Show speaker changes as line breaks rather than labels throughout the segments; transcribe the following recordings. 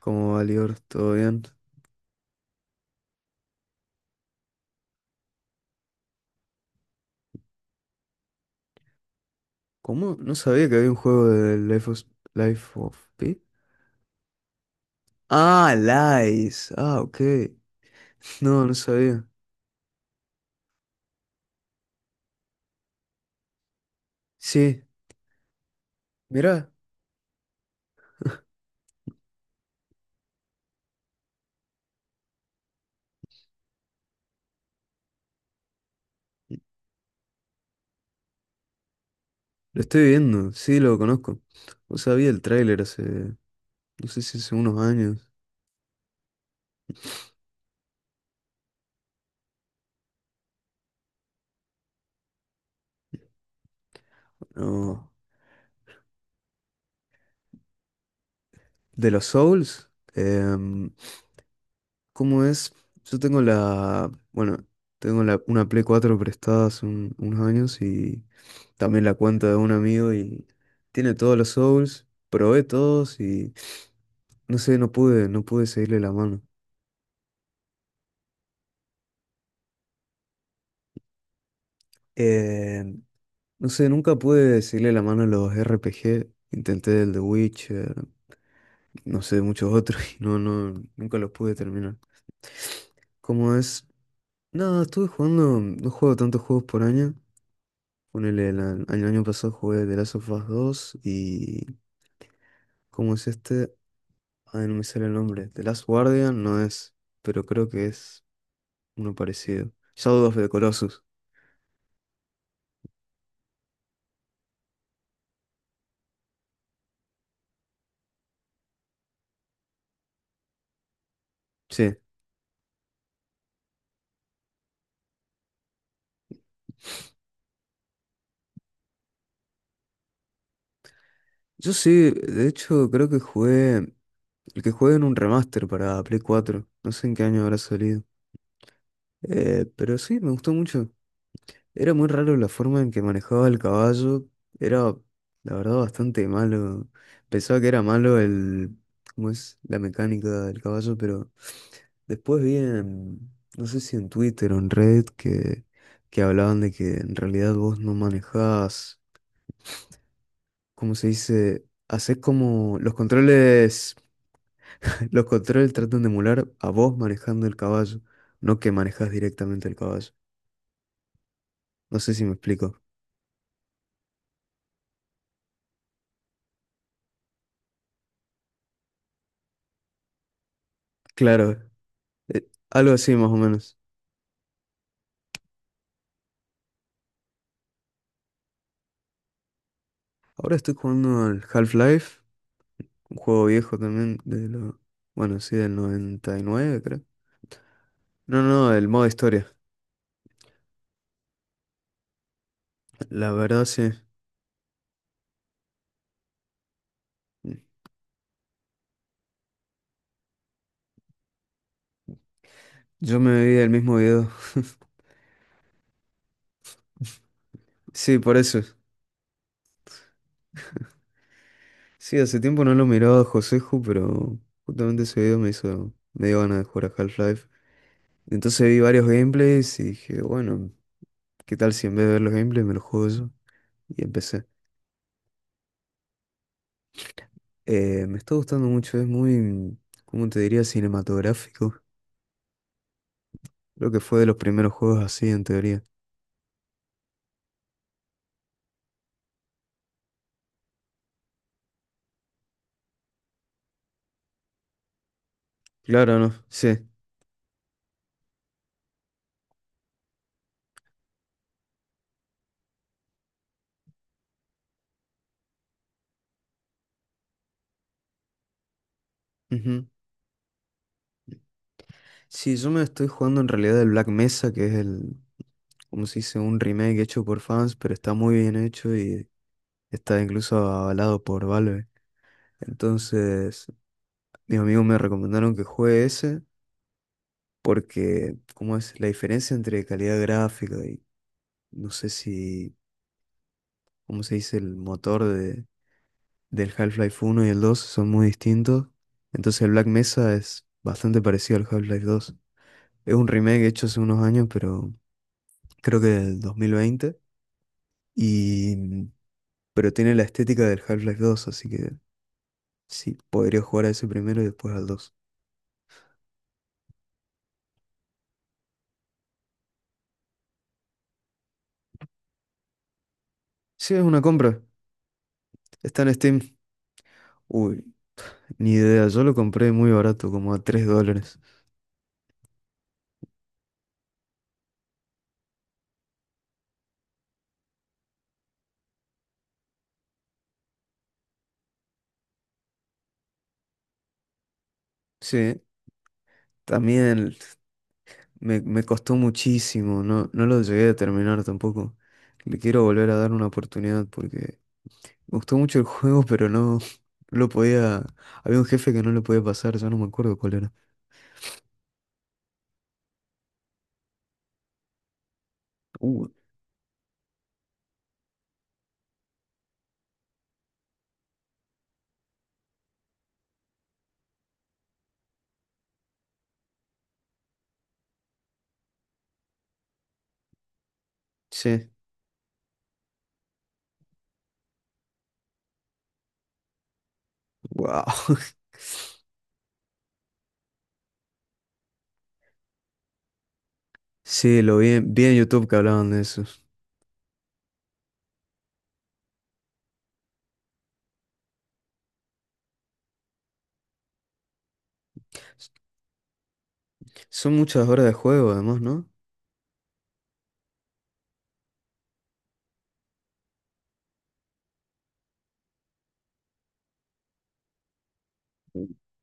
¿Cómo va, Lior? ¿Todo bien? ¿Cómo? No sabía que había un juego de Life of Pi. Ah, Lies. Ah, ok. No, no sabía. Sí, mirá, lo estoy viendo. Sí, lo conozco. O sea, vi el tráiler hace, no sé si hace unos años. No. De los Souls. ¿Cómo es? Bueno, una Play 4 prestada hace unos años y también la cuenta de un amigo y tiene todos los Souls, probé todos y no sé, no pude seguirle la mano. Eh, no sé, nunca pude seguirle la mano a los RPG, intenté el The Witcher, no sé, muchos otros y nunca los pude terminar. ¿Cómo es? Nada, estuve jugando, no juego tantos juegos por año. Ponele, el año pasado jugué The Last of Us 2 y... ¿Cómo es este? Ay, no me sale el nombre. The Last Guardian no es, pero creo que es... Uno parecido. Shadow of the Colossus. Sí. Yo sí, de hecho, creo que jugué. El que jugué en un remaster para Play 4. No sé en qué año habrá salido. Pero sí, me gustó mucho. Era muy raro la forma en que manejaba el caballo. Era, la verdad, bastante malo. Pensaba que era malo el, ¿cómo es? La mecánica del caballo, pero después vi en, no sé si en Twitter o en Reddit que hablaban de que en realidad vos no manejabas, ¿cómo se dice? Haces como los controles, los controles tratan de emular a vos manejando el caballo, no que manejas directamente el caballo. No sé si me explico. Claro, algo así más o menos. Ahora estoy jugando al Half-Life, un juego viejo también bueno, sí, del 99, creo. No, no, el modo historia. La verdad, sí. Yo me vi el mismo video. Sí, por eso. Sí, hace tiempo no lo miraba a Joseju, pero justamente ese video me dio ganas de jugar a Half-Life. Entonces vi varios gameplays y dije, bueno, ¿qué tal si en vez de ver los gameplays me los juego yo? Y empecé. Me está gustando mucho, es muy, ¿cómo te diría? Cinematográfico. Creo que fue de los primeros juegos así, en teoría. Claro, ¿no? Sí. Ujú. Sí, yo me estoy jugando en realidad el Black Mesa, que es el, como se dice, un remake hecho por fans, pero está muy bien hecho y está incluso avalado por Valve. Entonces, mis amigos me recomendaron que juegue ese porque, ¿cómo es? La diferencia entre calidad gráfica y no sé si, ¿cómo se dice? El motor del Half-Life 1 y el 2 son muy distintos. Entonces, el Black Mesa es bastante parecido al Half-Life 2. Es un remake hecho hace unos años, pero creo que del 2020. Y, pero tiene la estética del Half-Life 2, así que sí, podría jugar a ese primero y después al dos. Sí, es una compra. Está en Steam. Uy, ni idea, yo lo compré muy barato, como a $3. Sí, también me costó muchísimo, no lo llegué a terminar tampoco. Le quiero volver a dar una oportunidad porque me gustó mucho el juego, pero no, no lo podía... Había un jefe que no lo podía pasar, ya no me acuerdo cuál era. Uh, sí, wow. Sí, lo vi, vi en YouTube que hablaban de eso. Son muchas horas de juego además, ¿no?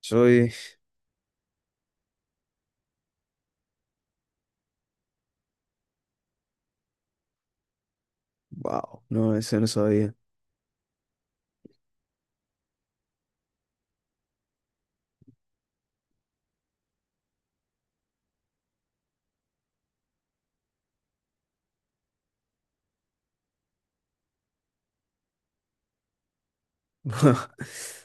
Soy... Wow, no, eso no sabía.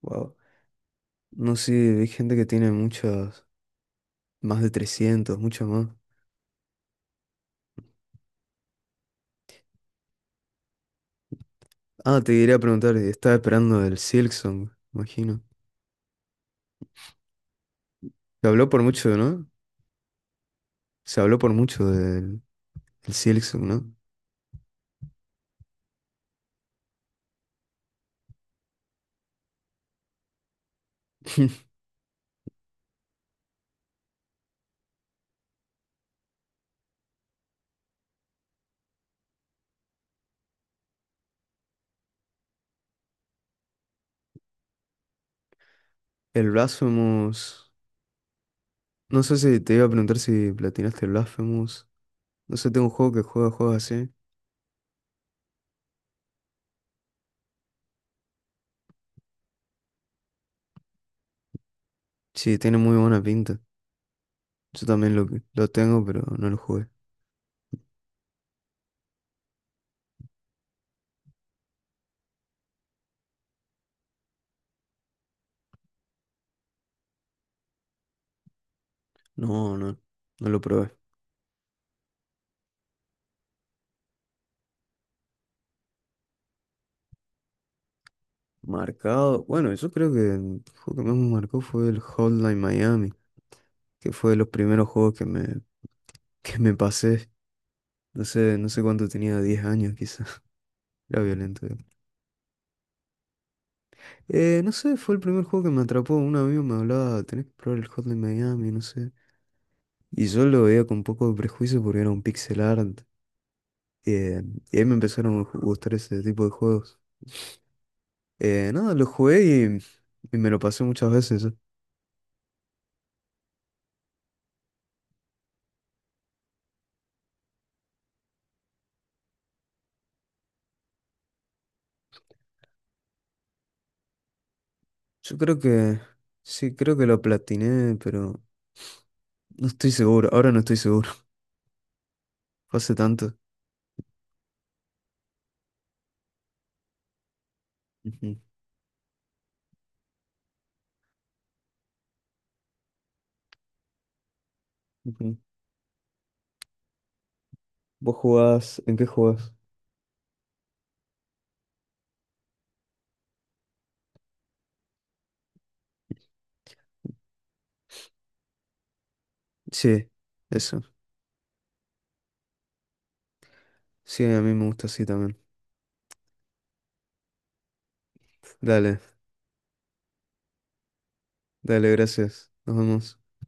Wow. No sé, hay gente que tiene muchas, más de 300 muchas más. Ah, te quería preguntar, y estaba esperando el Silksong, imagino. Se habló por mucho, ¿no? Se habló por mucho del el Silksong, ¿no? El Blasphemous. No sé si te iba a preguntar si platinaste el Blasphemous. No sé, tengo un juego que juega juegos así. Sí, tiene muy buena pinta. Yo también lo tengo, pero no lo jugué. No, no, no lo probé. Marcado. Bueno, yo creo que el juego que más me marcó fue el Hotline Miami, que fue de los primeros juegos que me pasé. No sé cuánto tenía, 10 años quizás. Era violento, digo. No sé, fue el primer juego que me atrapó. Un amigo me hablaba, tenés que probar el Hotline Miami, no sé. Y yo lo veía con poco de prejuicio porque era un pixel art. Eh, y ahí me empezaron a gustar ese tipo de juegos. Nada, lo jugué y me lo pasé muchas veces. Yo creo que, sí, creo que lo platiné, pero no estoy seguro. Ahora no estoy seguro. Fue hace tanto. Ujú, ujú. ¿Vos jugás? ¿En qué jugás? Sí, eso. Sí, a mí me gusta así también. Dale, dale, gracias. Nos vemos.